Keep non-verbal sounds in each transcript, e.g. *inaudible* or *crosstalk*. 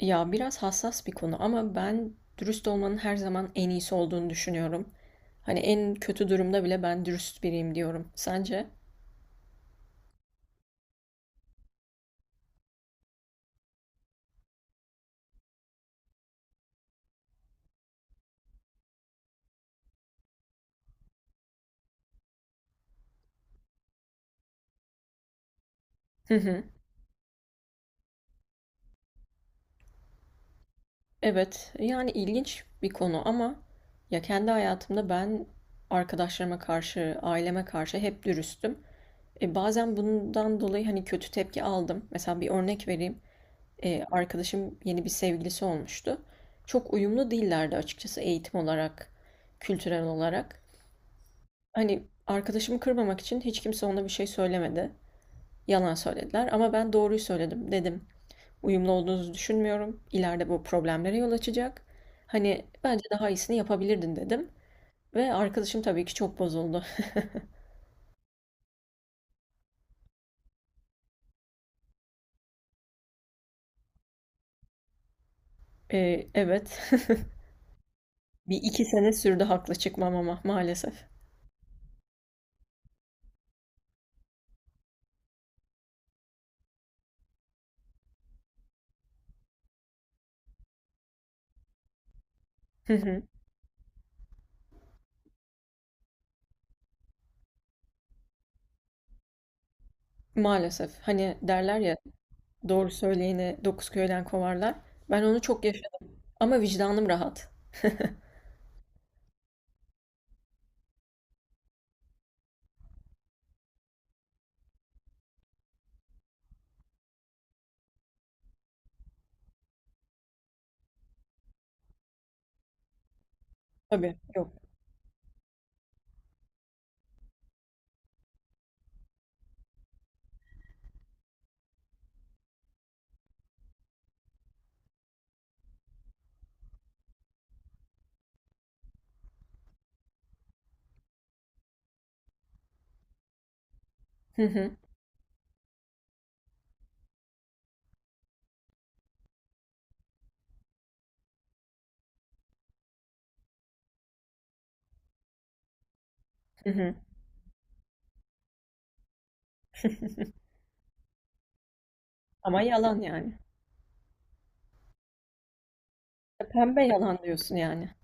Ya biraz hassas bir konu ama ben dürüst olmanın her zaman en iyisi olduğunu düşünüyorum. Hani en kötü durumda bile ben dürüst biriyim diyorum. Sence? Hı hı. Evet, yani ilginç bir konu ama ya kendi hayatımda ben arkadaşlarıma karşı, aileme karşı hep dürüstüm. E bazen bundan dolayı hani kötü tepki aldım. Mesela bir örnek vereyim. Arkadaşım yeni bir sevgilisi olmuştu. Çok uyumlu değillerdi açıkçası eğitim olarak, kültürel olarak. Hani, arkadaşımı kırmamak için hiç kimse ona bir şey söylemedi. Yalan söylediler ama ben doğruyu söyledim. Dedim, "Uyumlu olduğunuzu düşünmüyorum. İleride bu problemlere yol açacak. Hani, bence daha iyisini yapabilirdin." dedim ve arkadaşım tabii ki çok bozuldu. *laughs* Evet. *laughs* Bir 2 sene sürdü haklı çıkmam ama maalesef. Hı hı. Maalesef. Hani, derler ya, "Doğru söyleyeni dokuz köyden kovarlar." Ben onu çok yaşadım ama vicdanım rahat. Tabii, yok. Hı hı. Hı hı. Ama yalan yani. Pembe yalan diyorsun yani.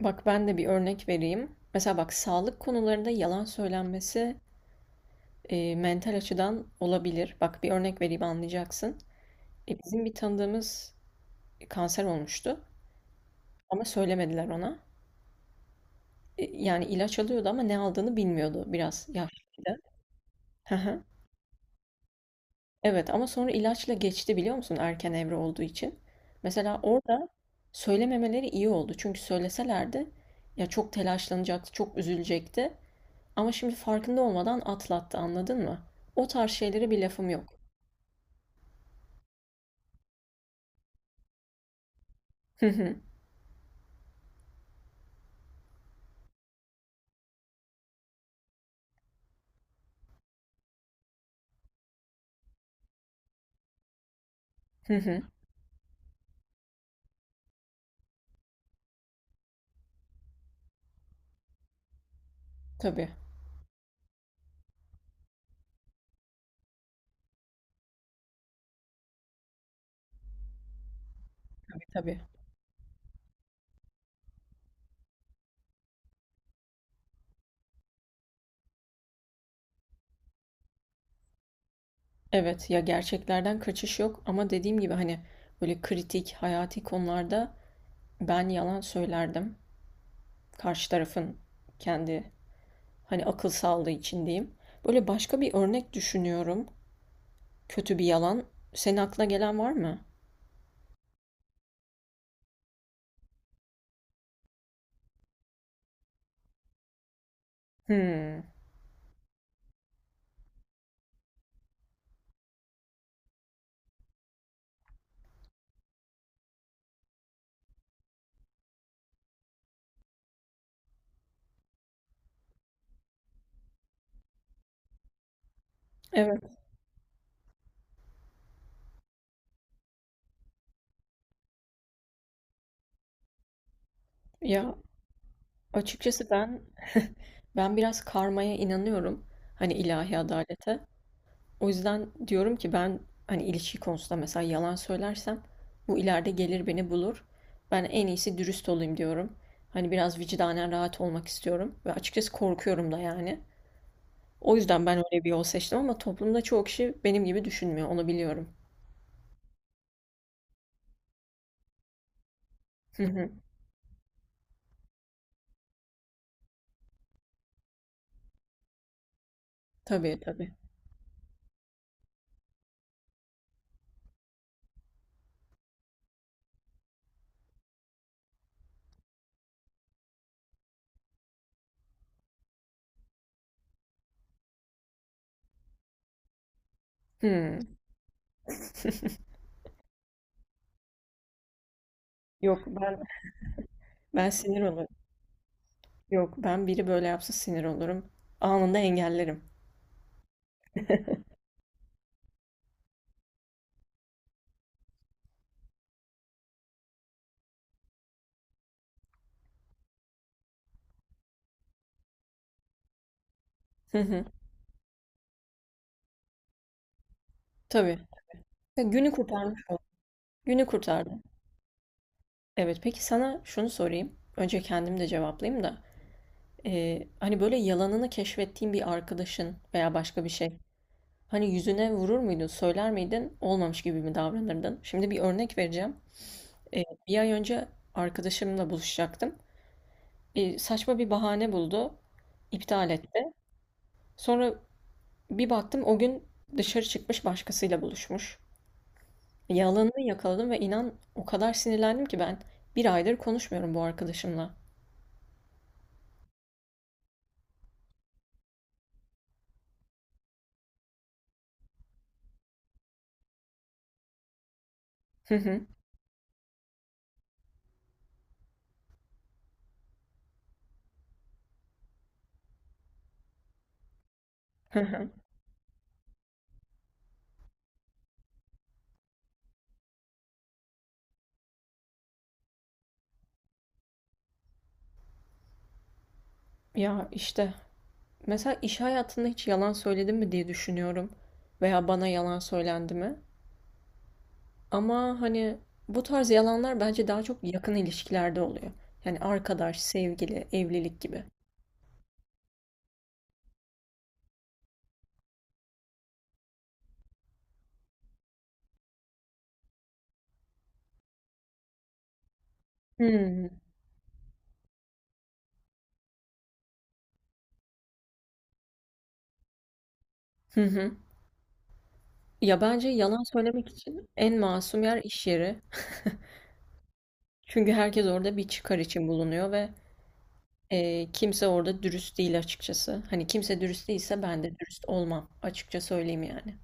Bak ben de bir örnek vereyim. Mesela bak sağlık konularında yalan söylenmesi mental açıdan olabilir. Bak bir örnek vereyim anlayacaksın. Bizim bir tanıdığımız kanser olmuştu ama söylemediler ona. Yani ilaç alıyordu ama ne aldığını bilmiyordu biraz yaşlıydı. Hı hı. Evet ama sonra ilaçla geçti biliyor musun erken evre olduğu için. Mesela orada söylememeleri iyi oldu. Çünkü söyleselerdi ya çok telaşlanacaktı, çok üzülecekti. Ama şimdi farkında olmadan atlattı, anladın mı? O tarz şeylere bir lafım yok. Hı hı, hı hı. Tabii, tabii, tabii. Evet, ya gerçeklerden kaçış yok ama dediğim gibi hani böyle kritik, hayati konularda ben yalan söylerdim. Karşı tarafın kendi hani akıl sağlığı için diyeyim. Böyle başka bir örnek düşünüyorum. Kötü bir yalan. Senin aklına gelen var mı? Hmm. Evet ya açıkçası ben biraz karmaya inanıyorum. Hani ilahi adalete. O yüzden diyorum ki ben hani ilişki konusunda mesela yalan söylersem bu ileride gelir beni bulur. Ben en iyisi dürüst olayım diyorum. Hani biraz vicdanen rahat olmak istiyorum ve açıkçası korkuyorum da yani. O yüzden ben öyle bir yol seçtim ama toplumda çoğu kişi benim gibi düşünmüyor, onu biliyorum. Hı hı. Tabii tabii. Hmm. Yok ben sinir olurum. Yok ben biri böyle yapsa sinir olurum. Anında engellerim. Hı hı. Tabii. Ya günü kurtarmış ol. Günü kurtardı. Evet, peki sana şunu sorayım. Önce kendim de cevaplayayım da. Hani böyle yalanını keşfettiğin bir arkadaşın veya başka bir şey. Hani yüzüne vurur muydun, söyler miydin, olmamış gibi mi davranırdın? Şimdi bir örnek vereceğim. Bir ay önce arkadaşımla buluşacaktım. Saçma bir bahane buldu, iptal etti. Sonra bir baktım o gün dışarı çıkmış başkasıyla buluşmuş. Yalanını yakaladım ve inan o kadar sinirlendim ki ben bir aydır konuşmuyorum bu arkadaşımla. *laughs* Hı hı. *laughs* Ya işte mesela iş hayatında hiç yalan söyledim mi diye düşünüyorum veya bana yalan söylendi mi? Ama hani bu tarz yalanlar bence daha çok yakın ilişkilerde oluyor. Yani arkadaş, sevgili, evlilik gibi. Hmm. Hı hı. Ya bence yalan söylemek için en masum yer iş yeri. Çünkü herkes orada bir çıkar için bulunuyor ve kimse orada dürüst değil açıkçası. Hani kimse dürüst değilse ben de dürüst olmam. Açıkça söyleyeyim yani.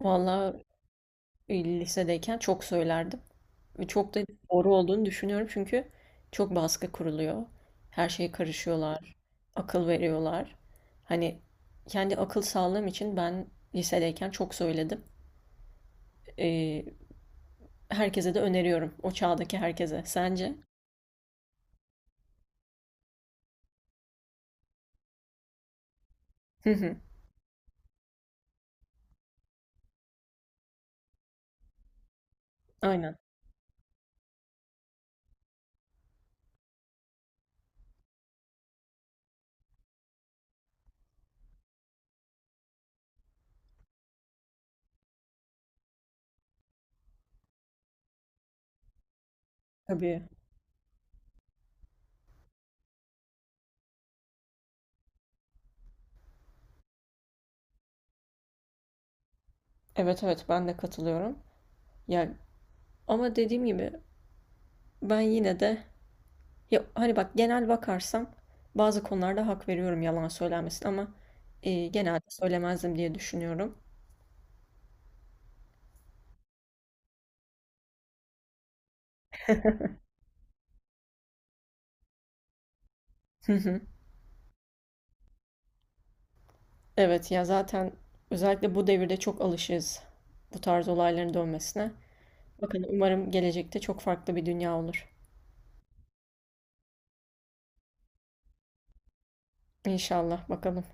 Vallahi lisedeyken çok söylerdim. Ve çok da doğru olduğunu düşünüyorum çünkü çok baskı kuruluyor. Her şeye karışıyorlar, akıl veriyorlar. Hani kendi akıl sağlığım için ben lisedeyken çok söyledim. Ee, Herkese de öneriyorum, o çağdaki herkese. Sence? Hı hı, aynen. Tabii. Evet evet ben de katılıyorum. Ya ama dediğim gibi ben yine de ya hani bak genel bakarsam bazı konularda hak veriyorum yalan söylenmesin ama genelde söylemezdim diye düşünüyorum. *laughs* Evet ya zaten özellikle bu devirde çok alışığız bu tarz olayların dönmesine. Bakın umarım gelecekte çok farklı bir dünya olur. İnşallah bakalım.